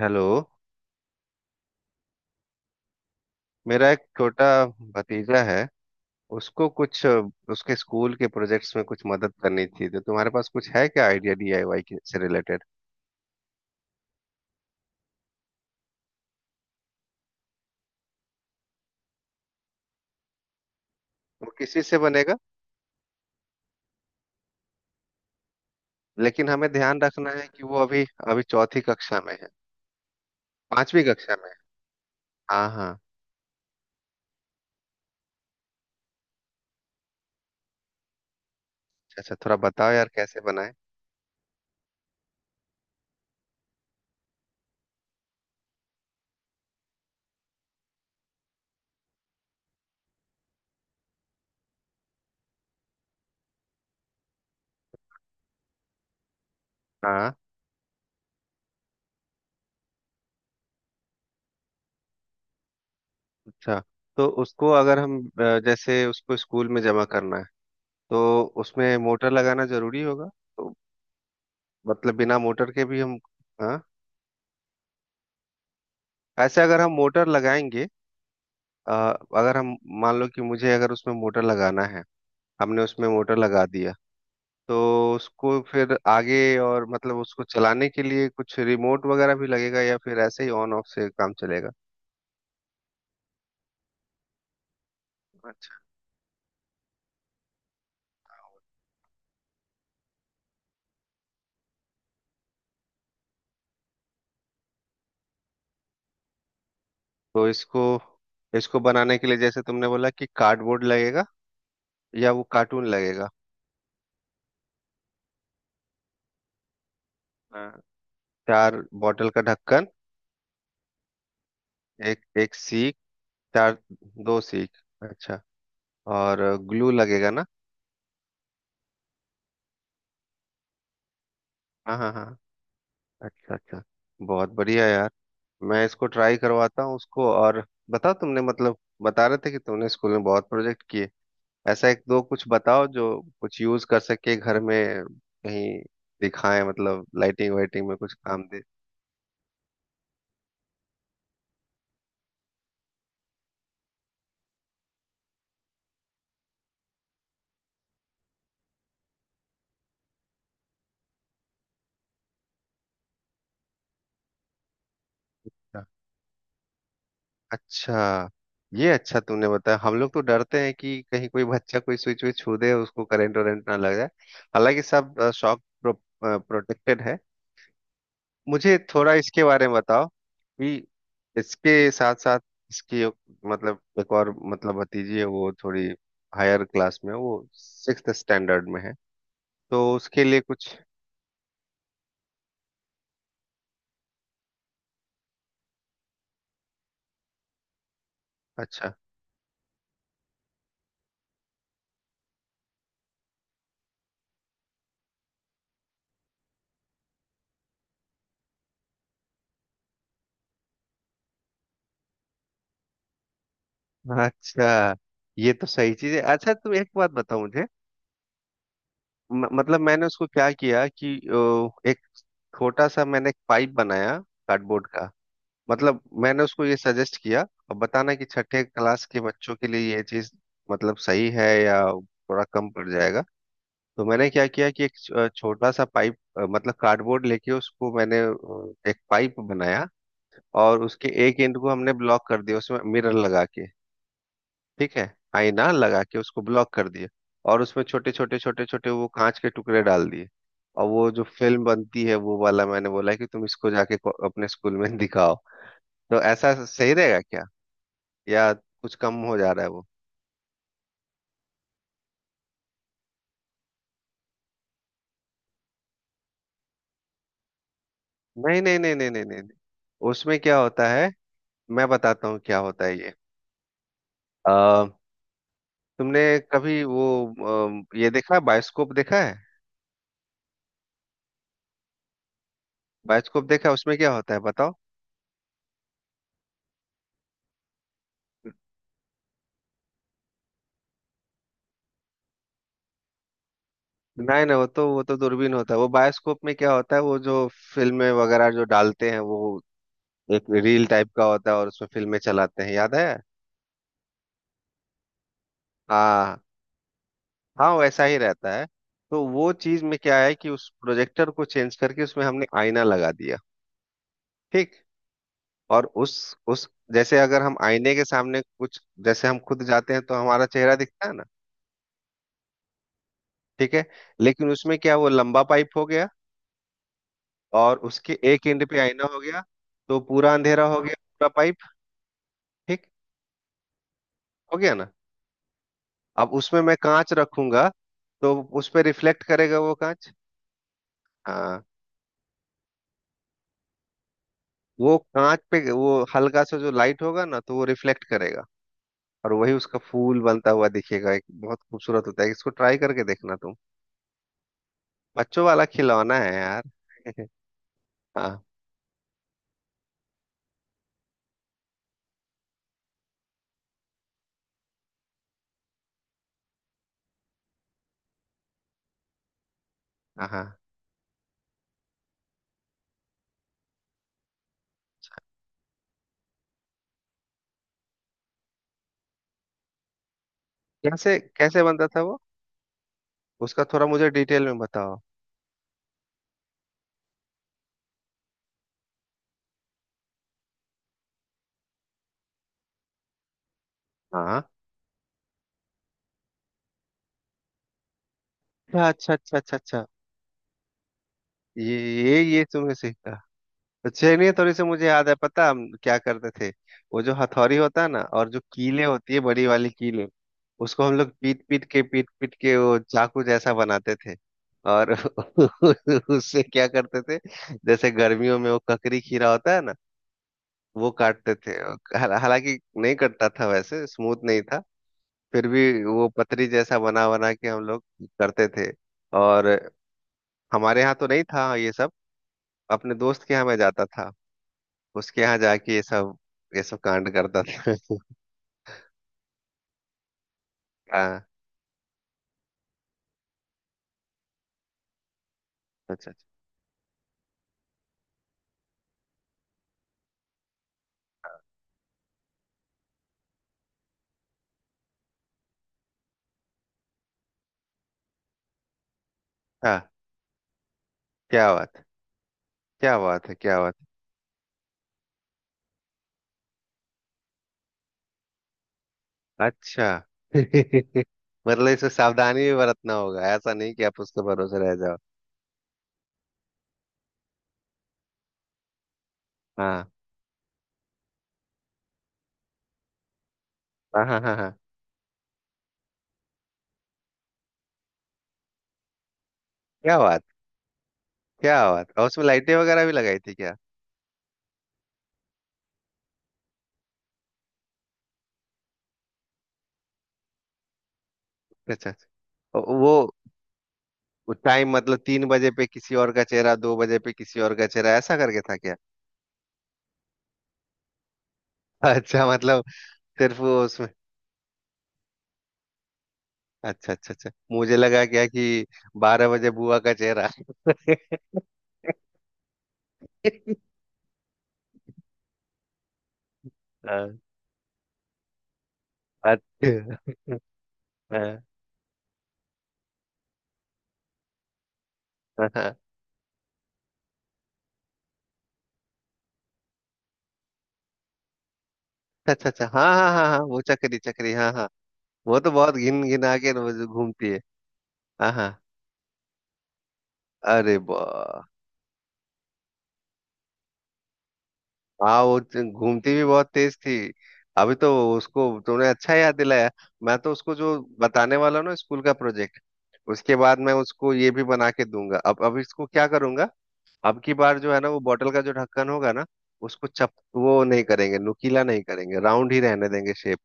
Hello. मेरा एक छोटा भतीजा है। उसको कुछ उसके स्कूल के प्रोजेक्ट्स में कुछ मदद करनी थी, तो तुम्हारे पास कुछ है क्या आइडिया डीआईवाई के से रिलेटेड? वो किसी से बनेगा? लेकिन हमें ध्यान रखना है कि वो अभी अभी चौथी कक्षा में है, पांचवी कक्षा में है। हाँ, हाँ। अच्छा अच्छा, थोड़ा बताओ यार, कैसे बनाए? हाँ, अच्छा। तो उसको अगर हम जैसे उसको स्कूल में जमा करना है, तो उसमें मोटर लगाना जरूरी होगा? तो मतलब बिना मोटर के भी हम? हाँ। ऐसे अगर हम मोटर लगाएंगे? अ, अगर हम मान लो कि मुझे अगर उसमें मोटर लगाना है, हमने उसमें मोटर लगा दिया, तो उसको फिर आगे और मतलब उसको चलाने के लिए कुछ रिमोट वगैरह भी लगेगा, या फिर ऐसे ही ऑन ऑफ से काम चलेगा? अच्छा। तो इसको इसको बनाने के लिए जैसे तुमने बोला कि कार्डबोर्ड लगेगा, या वो कार्टून लगेगा? हाँ। चार बॉटल का ढक्कन। एक एक सीख। चार, दो सीख। अच्छा। और ग्लू लगेगा ना? हाँ, हाँ, हाँ। अच्छा अच्छा, बहुत बढ़िया यार। मैं इसको ट्राई करवाता हूँ उसको। और बताओ, तुमने मतलब बता रहे थे कि तुमने स्कूल में बहुत प्रोजेक्ट किए। ऐसा एक दो कुछ बताओ जो कुछ यूज कर सके घर में, कहीं दिखाएं, मतलब लाइटिंग वाइटिंग में कुछ काम दे। अच्छा। अच्छा, ये अच्छा तुमने बताया। हम लोग तो डरते हैं कि कहीं कोई बच्चा कोई स्विच विच छू दे, उसको करंट वरेंट ना लग जाए। हालांकि सब शॉक प्रोटेक्टेड है। मुझे थोड़ा इसके बारे में बताओ कि इसके साथ साथ इसकी मतलब एक और मतलब भतीजी है, वो थोड़ी हायर क्लास में है, वो सिक्स्थ स्टैंडर्ड में है। तो उसके लिए कुछ? अच्छा अच्छा, ये तो सही चीज है। अच्छा, तुम एक बात बताओ मुझे। मतलब मैंने उसको क्या किया कि एक छोटा सा मैंने एक पाइप बनाया, कार्डबोर्ड का। मतलब मैंने उसको ये सजेस्ट किया। अब बताना कि छठे क्लास के बच्चों के लिए ये चीज मतलब सही है, या थोड़ा कम पड़ जाएगा? तो मैंने क्या किया कि एक छोटा सा पाइप मतलब कार्डबोर्ड लेके उसको मैंने एक पाइप बनाया। और उसके एक एंड को हमने ब्लॉक कर दिया, उसमें मिरर लगा के। ठीक है, आईना लगा के उसको ब्लॉक कर दिया। और उसमें छोटे छोटे छोटे छोटे वो कांच के टुकड़े डाल दिए। और वो जो फिल्म बनती है वो वाला, मैंने बोला कि तुम इसको जाके अपने स्कूल में दिखाओ। तो ऐसा सही रहेगा क्या, या कुछ कम हो जा रहा है वो? नहीं नहीं नहीं नहीं नहीं नहीं नहीं। उसमें क्या होता है, मैं बताता हूँ क्या होता है ये। अ, तुमने कभी वो ये देखा है, बायोस्कोप देखा है? बायोस्कोप देखा है, उसमें क्या होता है बताओ? नहीं नहीं, वो तो दूरबीन होता है। वो बायोस्कोप में क्या होता है, वो जो फिल्में वगैरह जो डालते हैं, वो एक रील टाइप का होता है और उसमें फिल्में चलाते हैं, याद है? हाँ, हाँ, वैसा ही रहता है। तो वो चीज में क्या है कि उस प्रोजेक्टर को चेंज करके उसमें हमने आईना लगा दिया। ठीक। और उस जैसे अगर हम आईने के सामने कुछ, जैसे हम खुद जाते हैं तो हमारा चेहरा दिखता है ना? ठीक है। लेकिन उसमें क्या, वो लंबा पाइप हो गया और उसके एक एंड पे आईना हो गया, तो पूरा अंधेरा हो गया पूरा पाइप। ठीक हो गया ना? अब उसमें मैं कांच रखूंगा, तो उस पे रिफ्लेक्ट करेगा वो कांच। हाँ, वो कांच पे वो हल्का सा जो लाइट होगा ना, तो वो रिफ्लेक्ट करेगा। और वही उसका फूल बनता हुआ दिखेगा, एक बहुत खूबसूरत होता है, इसको ट्राई करके देखना तुम। बच्चों वाला खिलौना है यार। हाँ, हाँ, हाँ। कैसे कैसे बनता था वो? उसका थोड़ा मुझे डिटेल में बताओ। हाँ, अच्छा अच्छा अच्छा अच्छा अच्छा। ये ये तुमने सीखा? तो चलिए, थोड़ी सी मुझे याद है, पता है हम क्या करते थे? वो जो हथौड़ी होता है ना, और जो कीले होती है, बड़ी वाली कीले, उसको हम लोग पीट पीट के, पीट पीट के वो चाकू जैसा बनाते थे। और उससे क्या करते थे, जैसे गर्मियों में वो ककड़ी खीरा होता है ना, वो काटते थे। हालांकि नहीं कटता था, वैसे स्मूथ नहीं था। फिर भी वो पतरी जैसा बना बना के हम लोग करते थे। और हमारे यहाँ तो नहीं था ये सब, अपने दोस्त के यहाँ मैं जाता था, उसके यहाँ जाके ये सब, ये सब कांड करता था। हाँ, अच्छा अच्छा, हाँ। क्या बात है, क्या बात है, क्या बात है। अच्छा। मतलब इसमें सावधानी भी बरतना होगा, ऐसा नहीं कि आप उसके भरोसे रह जाओ। हाँ, हाँ, हाँ, हाँ, हाँ। क्या बात, क्या बात। और उसमें लाइटें वगैरह भी लगाई थी क्या? अच्छा अच्छा। वो टाइम मतलब 3 बजे पे किसी और का चेहरा, 2 बजे पे किसी और का चेहरा, ऐसा करके था क्या? अच्छा, मतलब सिर्फ वो उसमें। अच्छा अच्छा अच्छा, मुझे लगा क्या कि 12 बजे बुआ का चेहरा। हाँ, अच्छा। हाँ, हाँ, अच्छा अच्छा, हाँ, हाँ, हाँ, हाँ, वो चक्री चक्री, हाँ, हाँ। वो तो बहुत घिन घिना के रोज घूमती है। हाँ, हाँ, अरे बा। हाँ, वो घूमती भी बहुत तेज थी। अभी तो उसको तुमने अच्छा याद दिलाया। मैं तो उसको जो बताने वाला हूँ ना, स्कूल का प्रोजेक्ट, उसके बाद मैं उसको ये भी बना के दूंगा। अब इसको क्या करूंगा, अब की बार जो है ना, वो बॉटल का जो ढक्कन होगा ना, उसको चप वो नहीं करेंगे, नुकीला नहीं करेंगे, राउंड ही रहने देंगे शेप,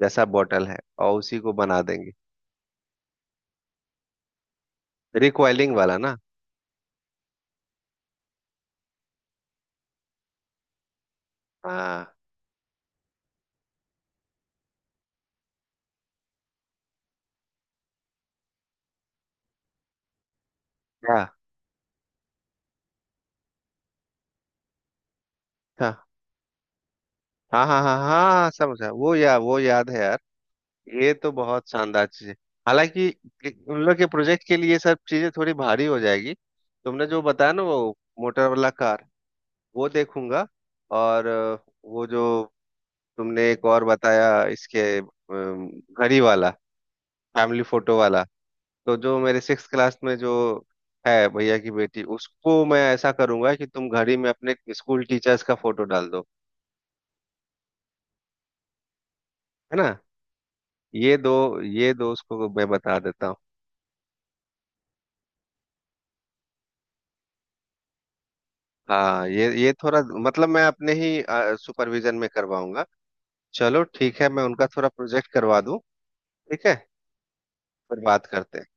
जैसा बॉटल है और उसी को बना देंगे। रिकॉइलिंग वाला ना? हाँ। क्या अच्छा। हाँ, हाँ, हाँ, हाँ, हाँ, समझा वो, या वो याद है यार, ये तो बहुत शानदार चीज है। हालांकि उन लोग के प्रोजेक्ट के लिए सब चीजें थोड़ी भारी हो जाएगी। तुमने जो बताया ना वो मोटर वाला कार, वो देखूंगा। और वो जो तुमने एक और बताया, इसके घड़ी वाला फैमिली फोटो वाला। तो जो मेरे 6 क्लास में जो है भैया की बेटी, उसको मैं ऐसा करूंगा कि तुम घड़ी में अपने स्कूल टीचर्स का फोटो डाल दो। है ना? ये दो, ये दो उसको मैं बता देता हूँ। हाँ, ये थोड़ा मतलब मैं अपने ही सुपरविजन में करवाऊंगा। चलो ठीक है, मैं उनका थोड़ा प्रोजेक्ट करवा दूं, ठीक है, फिर बात करते हैं।